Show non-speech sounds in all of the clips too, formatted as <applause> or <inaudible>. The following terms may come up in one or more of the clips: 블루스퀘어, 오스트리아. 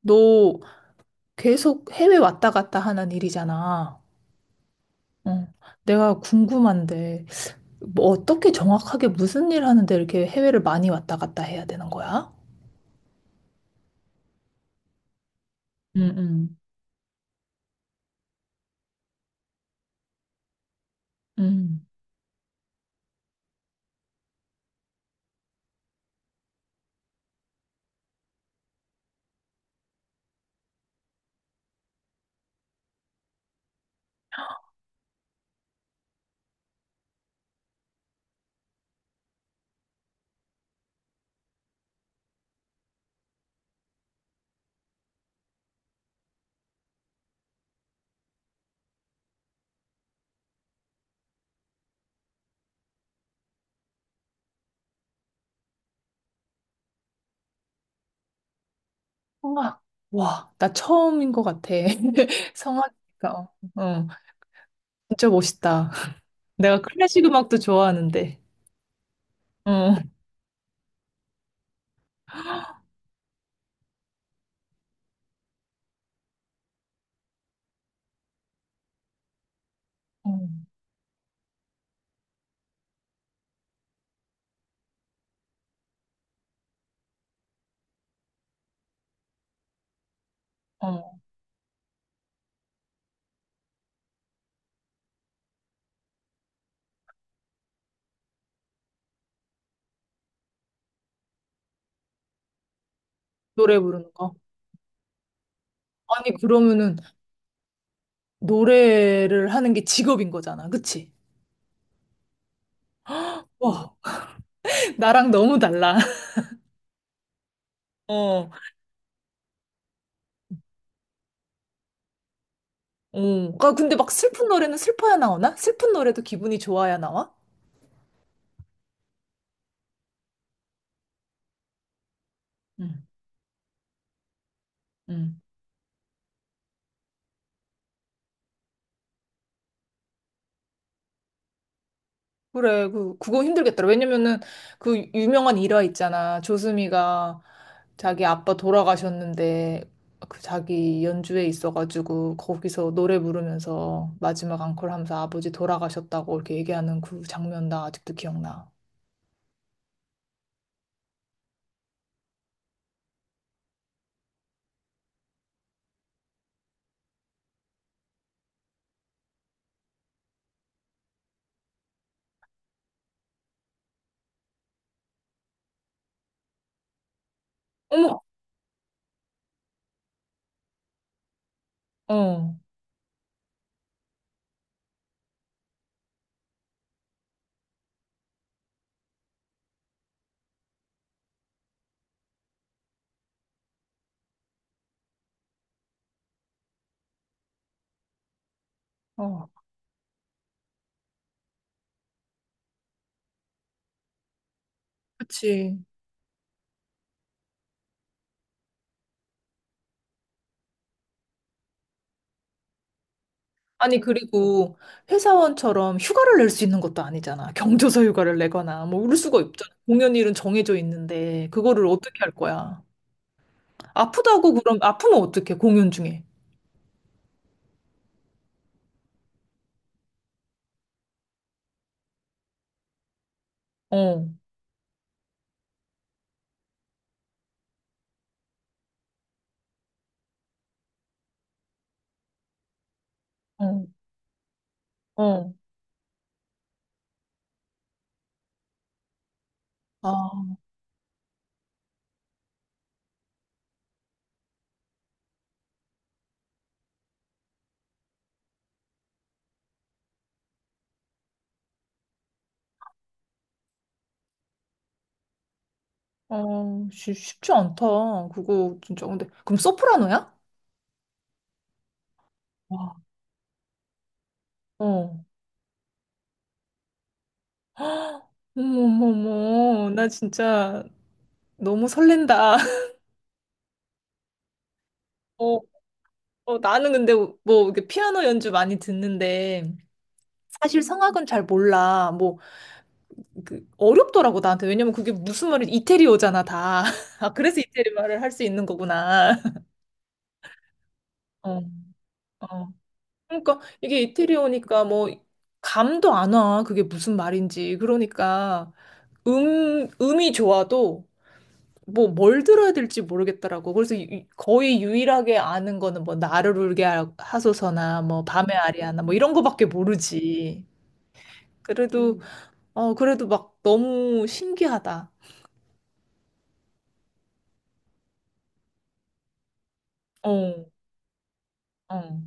너 계속 해외 왔다 갔다 하는 일이잖아. 어. 내가 궁금한데, 어떻게 정확하게 무슨 일 하는데 이렇게 해외를 많이 왔다 갔다 해야 되는 거야? 응, 응, 응. 성악. 와, 나 처음인 것 같아. <laughs> 성악이니까. 어, 어, 진짜 멋있다. <laughs> 내가 클래식 음악도 좋아하는데. 어, 어, 어. 노래 부르는 거. 아니, 그러면은 노래를 하는 게 직업인 거잖아. 그치? 와, <laughs> 나랑 너무 달라. <laughs> 어. 오, 그 근데 막 슬픈 노래는 슬퍼야 나오나? 슬픈 노래도 기분이 좋아야 나와? 응, 응, 그래, 그거 힘들겠더라. 왜냐면은 그 유명한 일화 있잖아. 조수미가 자기 아빠 돌아가셨는데 그 자기 연주회 있어가지고 거기서 노래 부르면서 마지막 앙콜 하면서 아버지 돌아가셨다고 이렇게 얘기하는 그 장면 나 아직도 기억나. 어머! 어, 어, 그치. 아니, 그리고 회사원처럼 휴가를 낼 수 있는 것도 아니잖아. 경조사 휴가를 내거나, 뭐, 울 수가 없잖아. 공연일은 정해져 있는데, 그거를 어떻게 할 거야? 아프다고 그럼, 아프면 어떡해, 공연 중에. 어, 어, 어. 아, 어, 쉽지 않다. 그거 진짜. 근데, 그럼 소프라노야? 와, 어. 어머머머, 나 진짜 너무 설렌다. <laughs> 어, 어, 나는 근데 뭐, 이렇게 피아노 연주 많이 듣는데, 사실 성악은 잘 몰라. 뭐, 그 어렵더라고 나한테 왜냐면 그게 무슨 말이 이태리어잖아 다. <laughs> 아 그래서 이태리 말을 할 수 있는 거구나. <laughs> 어, 어. 그러니까 이게 이태리어니까 뭐 감도 안 와. 그게 무슨 말인지. 그러니까 음이 좋아도 뭐 뭘 들어야 될지 모르겠더라고. 그래서 거의 유일하게 아는 거는 뭐 나를 울게 하소서나 뭐 밤의 아리아나 뭐 이런 거밖에 모르지. 그래도 어 그래도 막 너무 신기하다. 어, 어.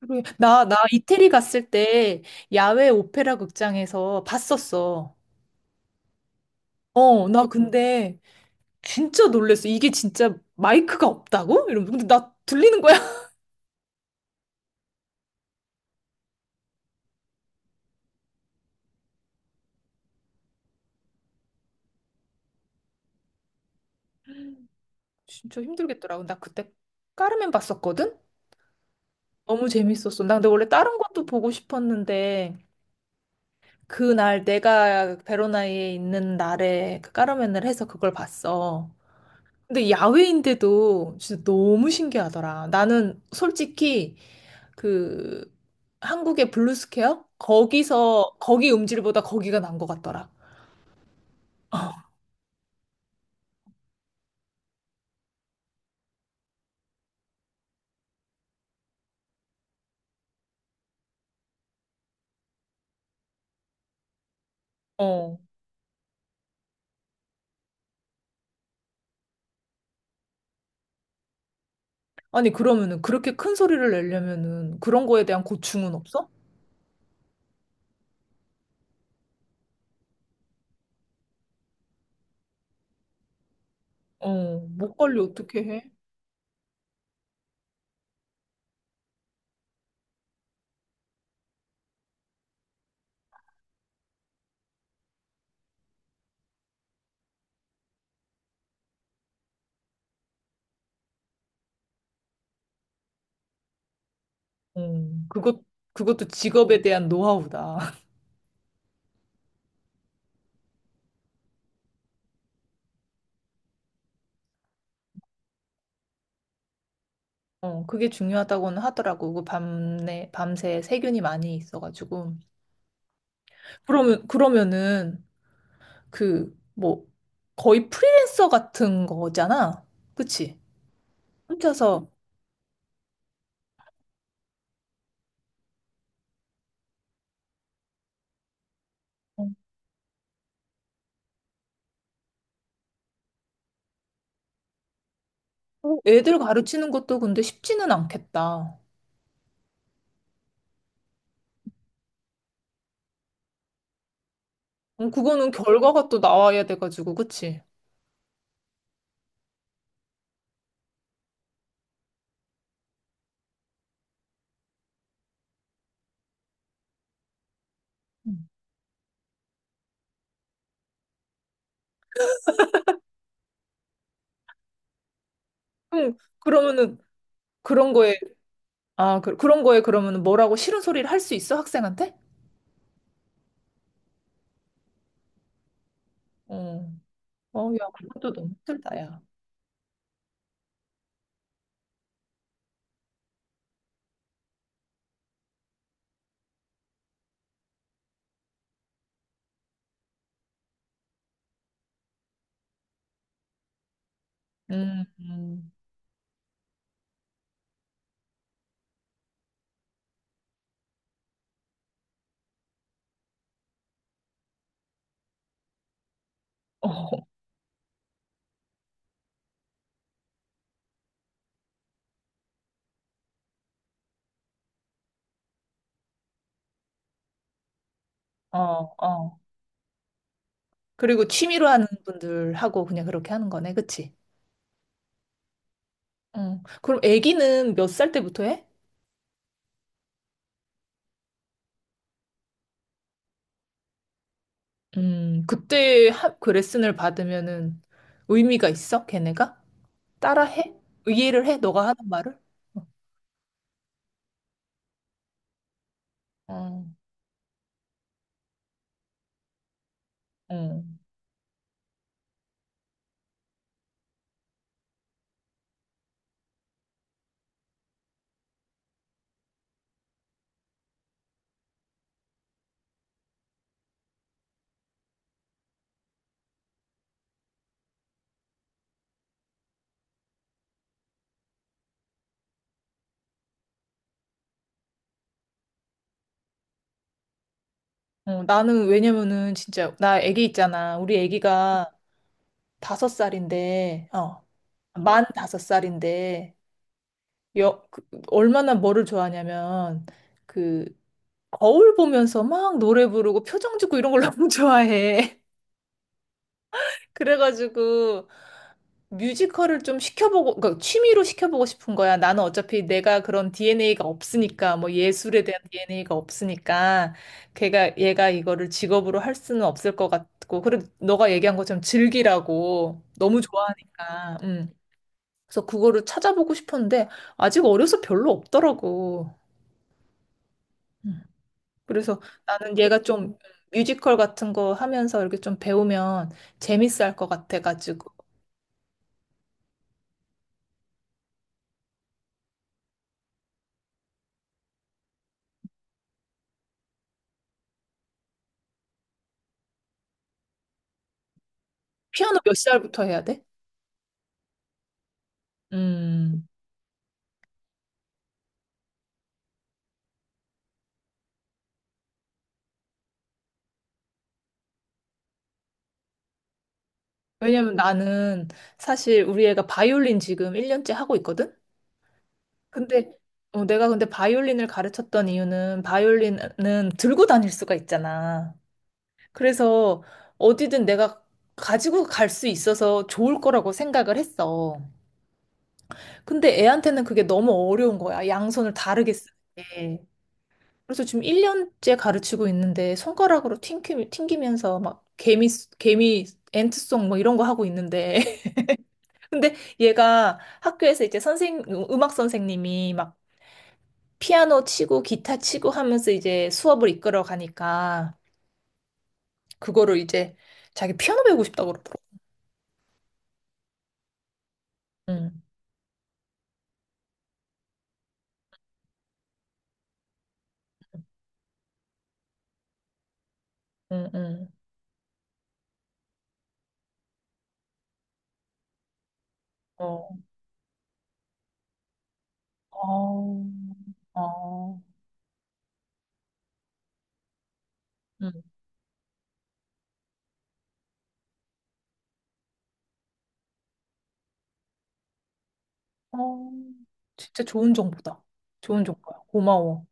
그리고 나 이태리 갔을 때 야외 오페라 극장에서 봤었어. 어, 나 근데 진짜 놀랬어. 이게 진짜 마이크가 없다고? 이러면서. 근데 나 들리는 거야. <laughs> 진짜 힘들겠더라고. 나 그때 까르멘 봤었거든? 너무 재밌었어. 나 근데 원래 다른 것도 보고 싶었는데 그날 내가 베로나에 있는 날에 그 까르멘을 해서 그걸 봤어. 근데 야외인데도 진짜 너무 신기하더라. 나는 솔직히 그 한국의 블루스퀘어? 거기서 거기 음질보다 거기가 난 것 같더라. <laughs> 어. 아니 그러면은 그렇게 큰 소리를 내려면은 그런 거에 대한 고충은 없어? 어. 목 관리 어떻게 해? 어. 그것 그것도 직업에 대한 노하우다. <laughs> 어, 그게 중요하다고는 하더라고. 그 밤에 밤새 세균이 많이 있어가지고. 그러면은 그 뭐 거의 프리랜서 같은 거잖아. 그치? 혼자서 어. 어, 애들 가르치는 것도 근데 쉽지는 않겠다. 어, 그거는 결과가 또 나와야 돼가지고, 그치? 음. 응, 그런 거에, 아, 그, 런 거에 그러면은 뭐라고 싫은 소리를 할 수 있어, 학생한테? 어, 어, 야, 그것도 너무 힘들다, 야. 음, 음. 어, 어, 어. 그리고 취미로 하는 분들하고 그냥 그렇게 하는 거네, 그치? 응. 그럼 애기는 몇 살 때부터 해? 그 레슨을 받으면은 의미가 있어, 걔네가? 따라해? 이해를 해? 너가 하는 말을? 어, 어, 어, 나는 왜냐면은 진짜 나 애기 있잖아. 우리 애기가 다섯 살인데, 어, 만 다섯 살인데, 여, 그, 얼마나 뭐를 좋아하냐면 그 거울 보면서 막 노래 부르고 표정 짓고 이런 걸 <laughs> 너무 좋아해. <laughs> 그래가지고 뮤지컬을 좀 시켜보고, 그러니까 취미로 시켜보고 싶은 거야. 나는 어차피 내가 그런 DNA가 없으니까, 뭐 예술에 대한 DNA가 없으니까, 얘가 이거를 직업으로 할 수는 없을 것 같고, 그리고 너가 얘기한 것처럼 즐기라고 너무 좋아하니까, 그래서 그거를 찾아보고 싶었는데, 아직 어려서 별로 없더라고. 음. 그래서 나는 얘가 좀 뮤지컬 같은 거 하면서 이렇게 좀 배우면 재밌어 할 것 같아가지고, 피아노 몇 살부터 해야 돼? 음. 왜냐면 나는 사실 우리 애가 바이올린 지금 1년째 하고 있거든? 근데 어, 내가 근데 바이올린을 가르쳤던 이유는 바이올린은 들고 다닐 수가 있잖아. 그래서 어디든 내가 가지고 갈 수 있어서 좋을 거라고 생각을 했어. 근데 애한테는 그게 너무 어려운 거야. 양손을 다르게 쓰는 게. 그래서 지금 1년째 가르치고 있는데 손가락으로 튕기면서 막 개미 엔트송 뭐 이런 거 하고 있는데 근데 얘가 학교에서 이제 음악 선생님이 막 피아노 치고 기타 치고 하면서 이제 수업을 이끌어 가니까 그거를 이제 자기 피아노 배우고 싶다고 그러더라고. 응, 응, 응. 어, 어, 어, 응. 어, 진짜 좋은 정보다. 좋은 정보야. 고마워.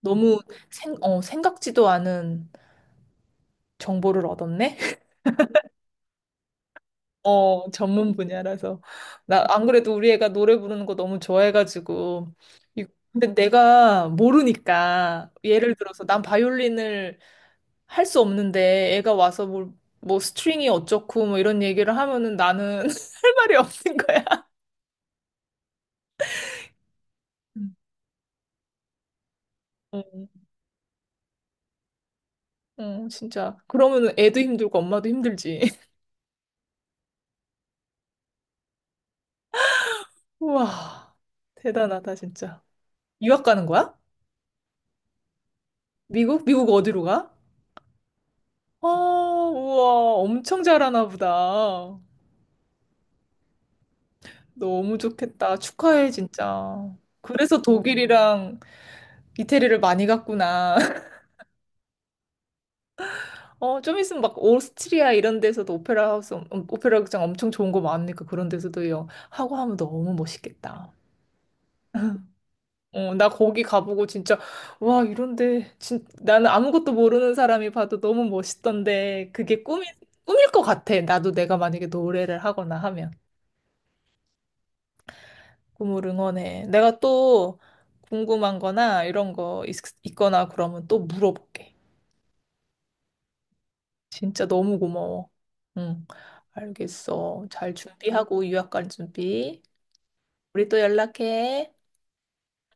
너무 생각지도 않은 정보를 얻었네. 어, 전문 분야라서. 나 안 그래도 우리 애가 노래 부르는 거 너무 좋아해가지고. 이- 근데 내가 모르니까 예를 들어서 난 바이올린을 할 수 없는데 뭐 스트링이 어쩌고 뭐 이런 얘기를 하면은 나는 <laughs> 할 말이 없는 거야. 음. 어, 어, 진짜. 그러면은 애도 힘들고 엄마도 힘들지. <laughs> 우와, 대단하다, 진짜. 유학 가는 거야? 미국? 미국 어디로 가? 아, 우와, 엄청 잘하나 보다. 너무 좋겠다. 축하해, 진짜. 그래서 독일이랑 이태리를 많이 갔구나. <laughs> 어, 좀 있으면 막 오스트리아 이런 데서도 오페라 하우스, 오페라 극장 엄청 좋은 거 많으니까 그런 데서도 하고 하면 너무 멋있겠다. 어, 나 거기 가보고 와, 나는 아무것도 모르는 사람이 봐도 너무 멋있던데, 꿈일 것 같아. 나도 내가 만약에 노래를 하거나 하면. 꿈을 응원해. 내가 또 궁금한 거나 있거나 그러면 또 물어볼게. 진짜 너무 고마워. 응, 알겠어. 잘 준비하고 유학 갈 준비. 우리 또 연락해.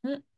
응.